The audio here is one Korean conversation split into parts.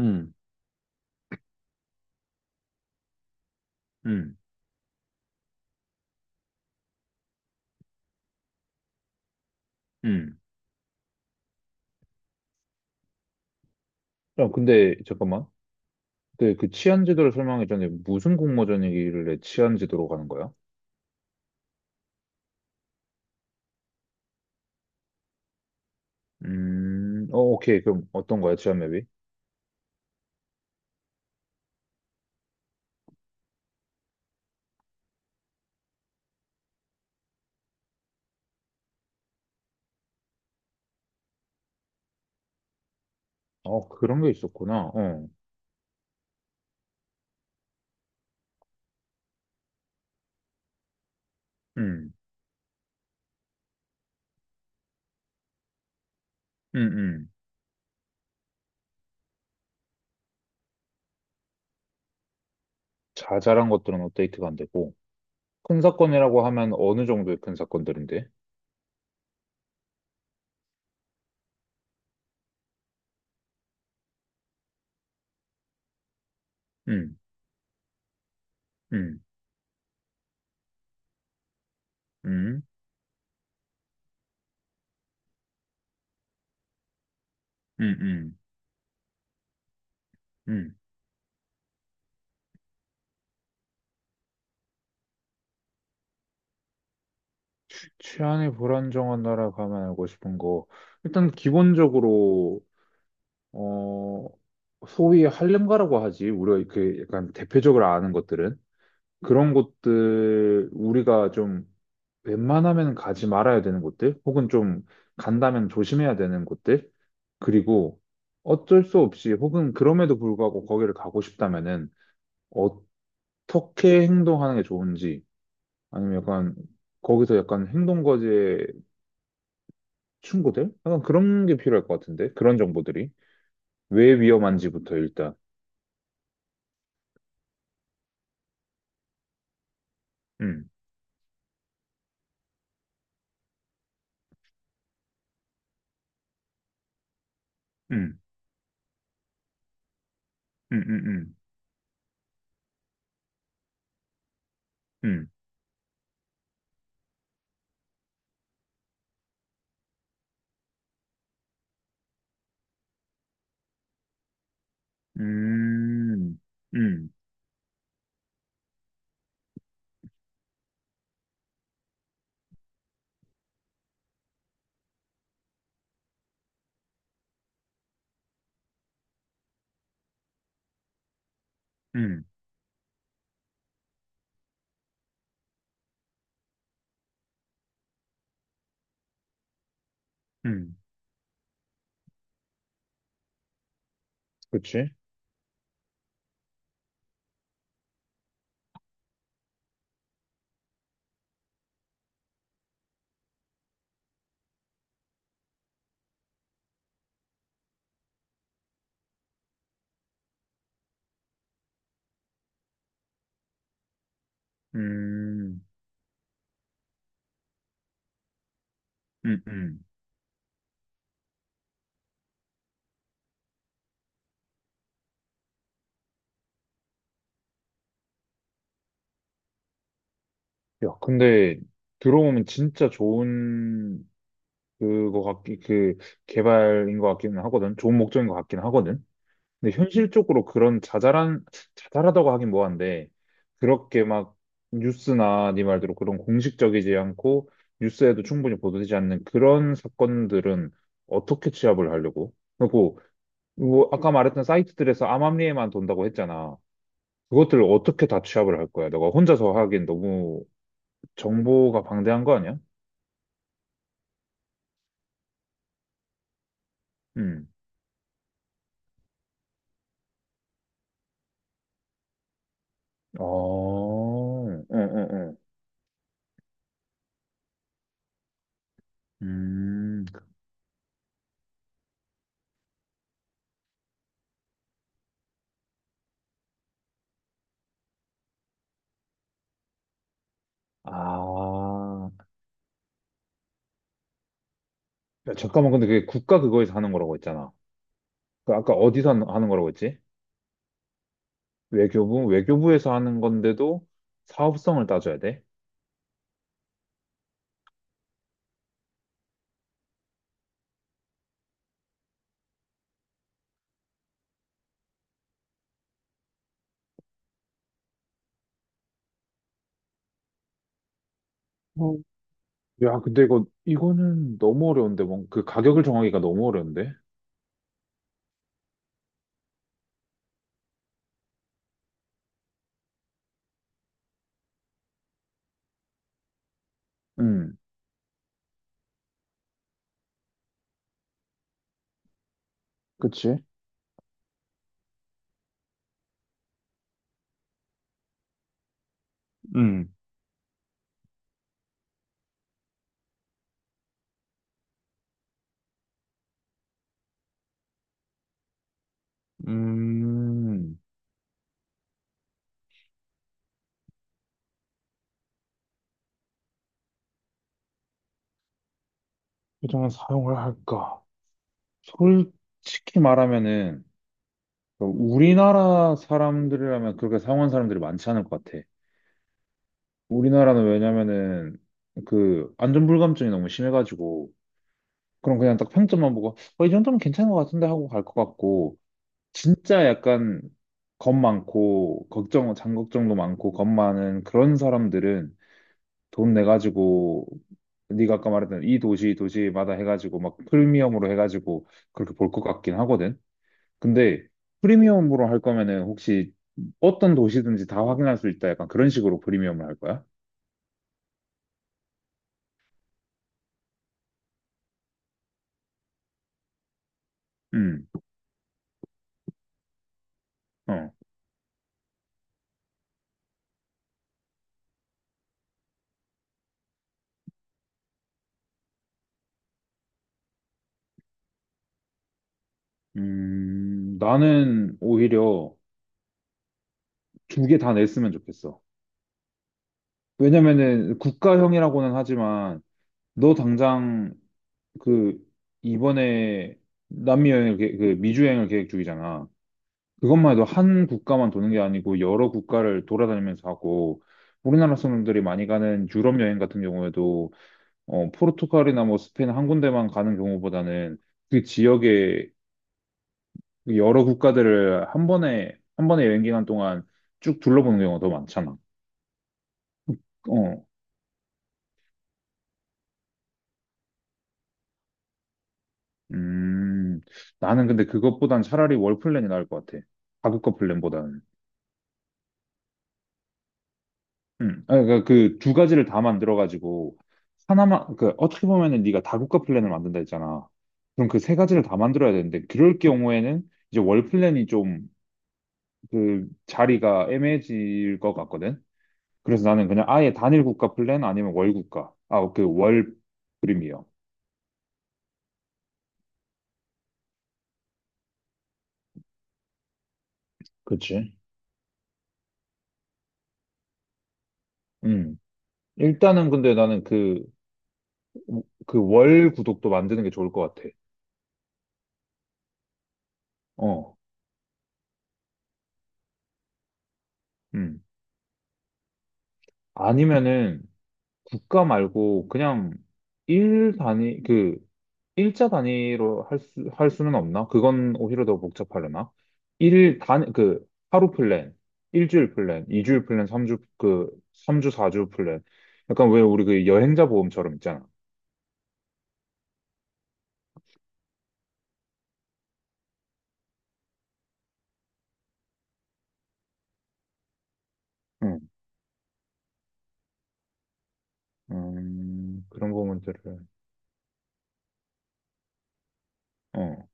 음, 음, 음. 야, 근데 잠깐만. 근데 그 치안 지도를 설명하기 전에 무슨 공모전 얘기길래 치안 지도로 가는 거야? 어, 오케이. 그럼 어떤 거야, 치안 맵이? 어, 그런 게 있었구나. 어, 음, 음, 음. 자잘한 것들은 업데이트가 안 되고. 큰 사건이라고 하면 어느 정도의 큰 사건들인데? 음, 음, 음, 음, 음, 음. 치안이 불안정한 나라 가면 알고 싶은 거. 일단 기본적으로 어, 소위 할렘가라고 하지. 우리가 그 약간 대표적으로 아는 것들은 그런 곳들, 우리가 좀 웬만하면 가지 말아야 되는 곳들, 혹은 좀 간다면 조심해야 되는 곳들, 그리고 어쩔 수 없이 혹은 그럼에도 불구하고 거기를 가고 싶다면은 어떻게 행동하는 게 좋은지, 아니면 약간 거기서 약간 행동거지의 충고들? 약간 그런 게 필요할 것 같은데, 그런 정보들이. 왜 위험한지부터 일단. 음, 음. 음, 음, 음, 음, 음, 음, 음, 음. 그치? 음, 음, 음. 야, 근데 들어보면 진짜 좋은 그 개발인 것 같기는 하거든. 좋은 목적인 것 같긴 하거든. 근데 현실적으로 그런 자잘한, 자잘하다고 하긴 뭐한데, 그렇게 막 뉴스나 네 말대로 그런 공식적이지 않고, 뉴스에도 충분히 보도되지 않는 그런 사건들은 어떻게 취합을 하려고? 그리고 뭐 아까 말했던 사이트들에서 암암리에만 돈다고 했잖아. 그것들을 어떻게 다 취합을 할 거야? 너가 혼자서 하기엔 너무 정보가 방대한 거 아니야? 음. 어, 응, 응, 응. 음, 아. 야, 잠깐만, 근데 그게 국가 그거에서 하는 거라고 했잖아. 그 아까 어디서 하는 거라고 했지? 외교부? 외교부에서 하는 건데도 사업성을 따져야 돼? 어, 야, 근데 이거는 너무 어려운데, 그 가격을 정하기가 너무 어려운데? 음, 그치? 음, 포장 사용을 할까? 솔직히 말하면은, 그 우리나라 사람들이라면 그렇게 사용한 사람들이 많지 않을 것 같아. 우리나라는 왜냐면은, 그, 안전불감증이 너무 심해가지고, 그럼 그냥 딱 평점만 보고, 어, 이 정도면 괜찮은 것 같은데 하고 갈 것 같고, 진짜 약간, 겁 많고, 장걱정도 많고, 겁 많은 그런 사람들은 돈 내가지고, 네가 아까 말했던 도시마다 해가지고, 막 프리미엄으로 해가지고, 그렇게 볼 것 같긴 하거든. 근데 프리미엄으로 할 거면은 혹시 어떤 도시든지 다 확인할 수 있다. 약간 그런 식으로 프리미엄을 할 거야? 음, 어. 나는 오히려 두 개 다 냈으면 좋겠어. 왜냐면은 국가형이라고는 하지만, 너 당장 그, 이번에 남미 여행을, 계 그 미주 여행을 계획 중이잖아. 그것만 해도 한 국가만 도는 게 아니고 여러 국가를 돌아다니면서 하고, 우리나라 사람들이 많이 가는 유럽 여행 같은 경우에도 어, 포르투갈이나 뭐 스페인 한 군데만 가는 경우보다는 그 지역의 여러 국가들을 한 번에 한 번에 여행 기간 동안 쭉 둘러보는 경우가 더 많잖아. 어, 음, 나는 근데 그것보단 차라리 월 플랜이 나을 것 같아. 다국가 플랜보다는. 음. 아, 그러니까 그 두 가지를 다 만들어 가지고 하나만, 그 어떻게 보면은 네가 다국가 플랜을 만든다 했잖아. 그럼 그 세 가지를 다 만들어야 되는데, 그럴 경우에는 이제 월 플랜이 좀 그 자리가 애매해질 것 같거든. 그래서 나는 그냥 아예 단일 국가 플랜 아니면 월 국가. 아, 그 월 프리미엄. 그치? 음. 일단은 근데 나는 그 월 구독도 만드는 게 좋을 것 같아. 어. 음. 아니면은, 국가 말고 그냥 일 단위, 그, 일자 단위로 할 수는 없나? 그건 오히려 더 복잡하려나? 일 단, 그, 하루 플랜, 일주일 플랜, 이주일 플랜, 삼주사주 플랜. 약간 왜 우리 그 여행자 보험처럼 있잖아. 응, 그런 부분들을, 어,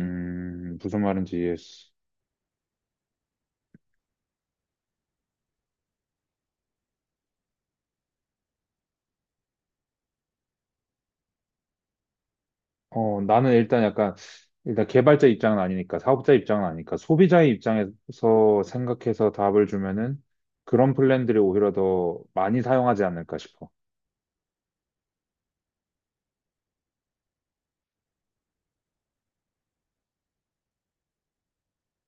무슨 말인지 이해했어. 어, 나는 일단 약간, 일단 개발자 입장은 아니니까, 사업자 입장은 아니니까, 소비자의 입장에서 생각해서 답을 주면은 그런 플랜들이 오히려 더 많이 사용하지 않을까 싶어.